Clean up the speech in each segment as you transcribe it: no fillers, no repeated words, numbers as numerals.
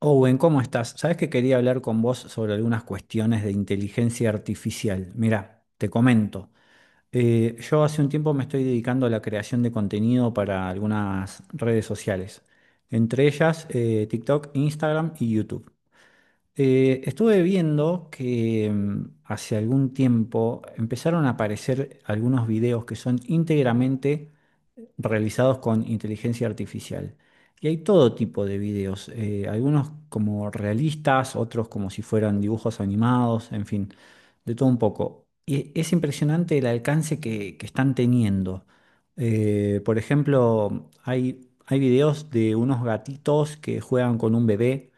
Owen, ¿cómo estás? Sabes que quería hablar con vos sobre algunas cuestiones de inteligencia artificial. Mira, te comento. Yo hace un tiempo me estoy dedicando a la creación de contenido para algunas redes sociales, entre ellas TikTok, Instagram y YouTube. Estuve viendo que hace algún tiempo empezaron a aparecer algunos videos que son íntegramente realizados con inteligencia artificial. Y hay todo tipo de videos, algunos como realistas, otros como si fueran dibujos animados, en fin, de todo un poco. Y es impresionante el alcance que están teniendo. Por ejemplo, hay videos de unos gatitos que juegan con un bebé,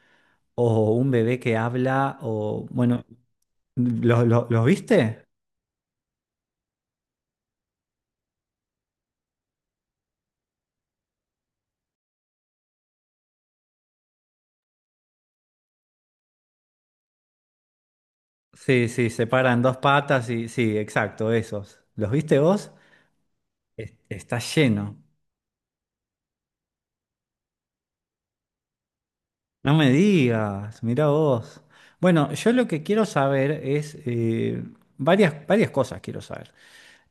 o un bebé que habla, o bueno, ¿los viste? Sí, sí, se paran dos patas y sí, exacto, esos. ¿Los viste vos? Está lleno. No me digas, mira vos. Bueno, yo lo que quiero saber es varias cosas quiero saber.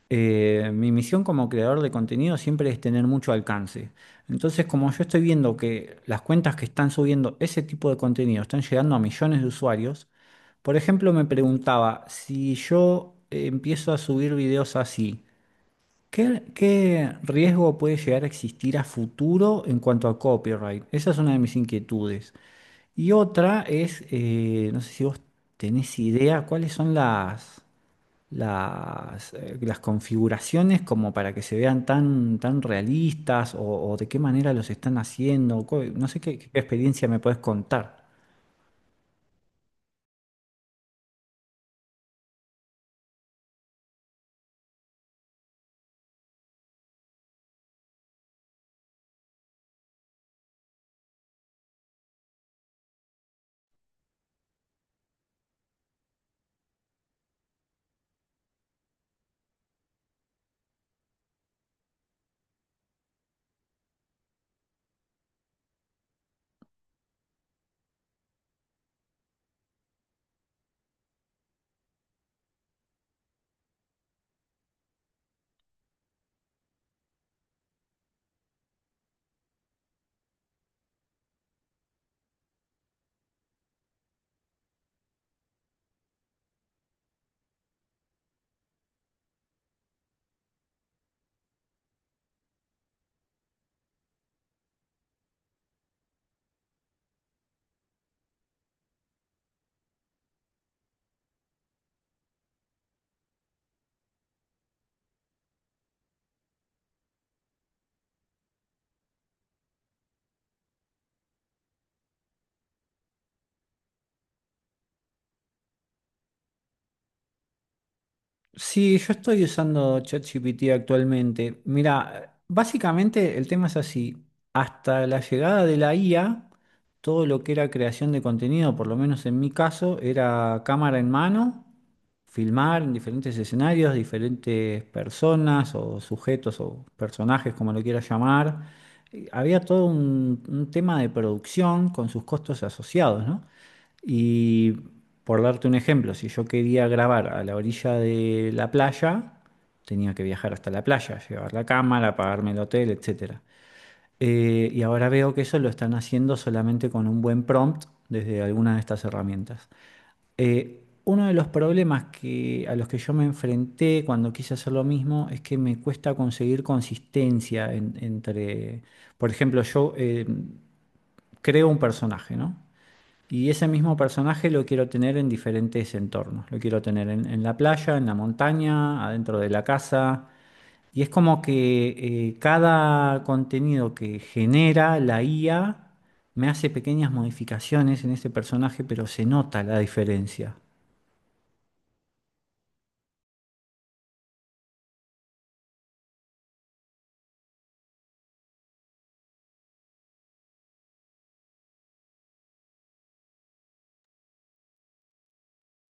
Mi misión como creador de contenido siempre es tener mucho alcance. Entonces, como yo estoy viendo que las cuentas que están subiendo ese tipo de contenido están llegando a millones de usuarios, por ejemplo, me preguntaba si yo empiezo a subir videos así. ¿Qué riesgo puede llegar a existir a futuro en cuanto a copyright? Esa es una de mis inquietudes. Y otra es, no sé si vos tenés idea, cuáles son las configuraciones como para que se vean tan realistas o de qué manera los están haciendo. No sé qué experiencia me podés contar. Sí, yo estoy usando ChatGPT actualmente. Mira, básicamente el tema es así. Hasta la llegada de la IA, todo lo que era creación de contenido, por lo menos en mi caso, era cámara en mano, filmar en diferentes escenarios, diferentes personas o sujetos o personajes, como lo quieras llamar. Había todo un tema de producción con sus costos asociados, ¿no? Y por darte un ejemplo, si yo quería grabar a la orilla de la playa, tenía que viajar hasta la playa, llevar la cámara, pagarme el hotel, etcétera. Y ahora veo que eso lo están haciendo solamente con un buen prompt desde alguna de estas herramientas. Uno de los problemas que, a los que yo me enfrenté cuando quise hacer lo mismo es que me cuesta conseguir consistencia entre, por ejemplo, yo creo un personaje, ¿no? Y ese mismo personaje lo quiero tener en diferentes entornos. Lo quiero tener en la playa, en la montaña, adentro de la casa. Y es como que cada contenido que genera la IA me hace pequeñas modificaciones en ese personaje, pero se nota la diferencia.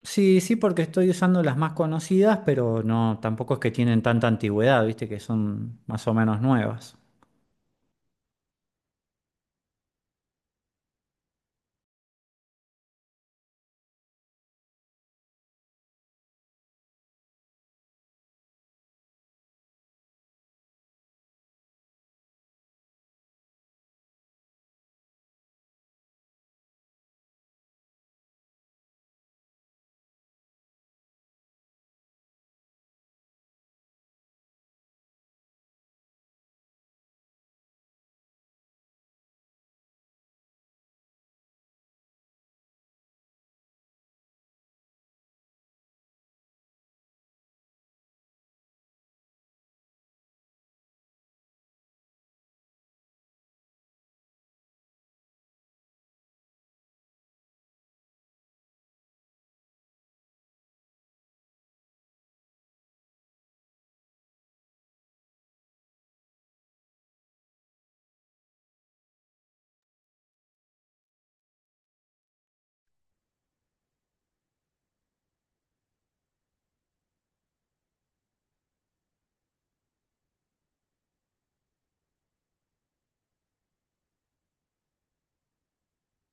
Sí, sí, porque estoy usando las más conocidas, pero no, tampoco es que tienen tanta antigüedad, viste, que son más o menos nuevas.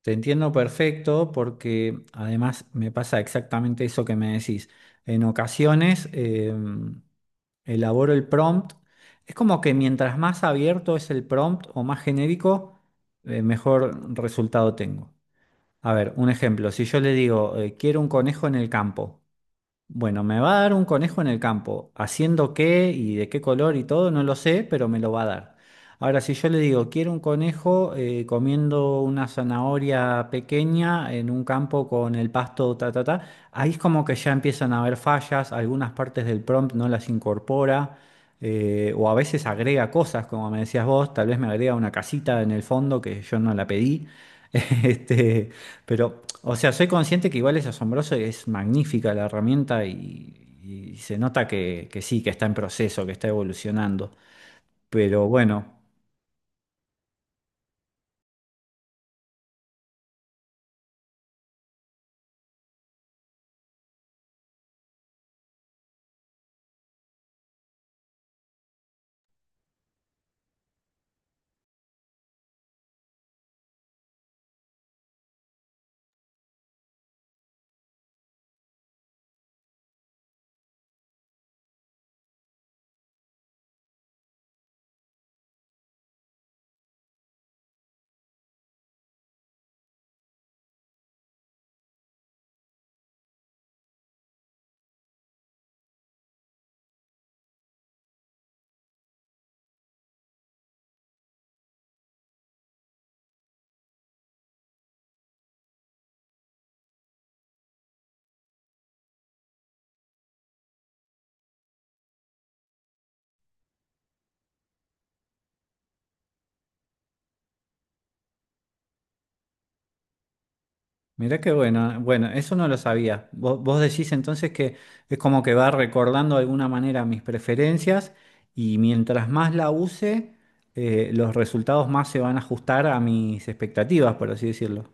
Te entiendo perfecto porque además me pasa exactamente eso que me decís. En ocasiones elaboro el prompt. Es como que mientras más abierto es el prompt o más genérico, mejor resultado tengo. A ver, un ejemplo. Si yo le digo, quiero un conejo en el campo. Bueno, me va a dar un conejo en el campo. Haciendo qué y de qué color y todo, no lo sé, pero me lo va a dar. Ahora, si yo le digo, quiero un conejo comiendo una zanahoria pequeña en un campo con el pasto, ta, ta, ta, ahí es como que ya empiezan a haber fallas, algunas partes del prompt no las incorpora, o a veces agrega cosas, como me decías vos, tal vez me agrega una casita en el fondo que yo no la pedí. Este, pero, o sea, soy consciente que igual es asombroso y es magnífica la herramienta y se nota que sí, que está en proceso, que está evolucionando. Pero bueno, mirá qué bueno. Bueno, eso no lo sabía. Vos decís entonces que es como que va recordando de alguna manera mis preferencias y mientras más la use, los resultados más se van a ajustar a mis expectativas, por así decirlo.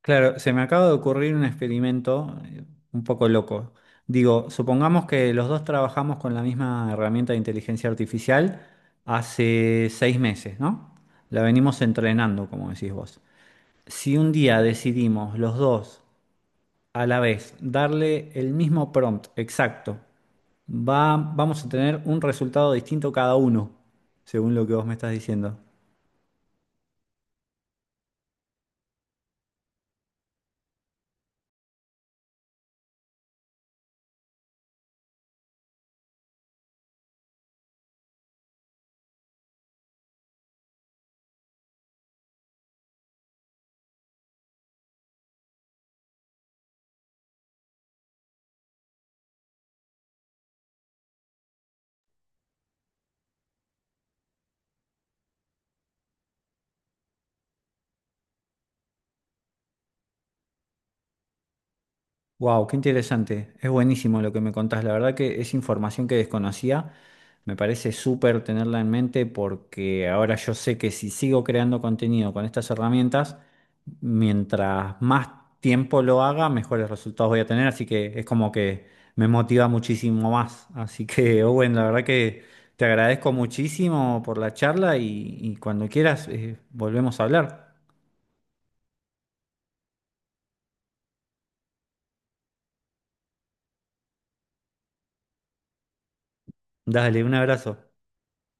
Claro, se me acaba de ocurrir un experimento un poco loco. Digo, supongamos que los dos trabajamos con la misma herramienta de inteligencia artificial hace 6 meses, ¿no? La venimos entrenando, como decís vos. Si un día decidimos los dos a la vez darle el mismo prompt exacto, vamos a tener un resultado distinto cada uno, según lo que vos me estás diciendo. Wow, qué interesante. Es buenísimo lo que me contás. La verdad que es información que desconocía. Me parece súper tenerla en mente porque ahora yo sé que si sigo creando contenido con estas herramientas, mientras más tiempo lo haga, mejores resultados voy a tener. Así que es como que me motiva muchísimo más. Así que, Owen, la verdad que te agradezco muchísimo por la charla y cuando quieras, volvemos a hablar. Dale, un abrazo.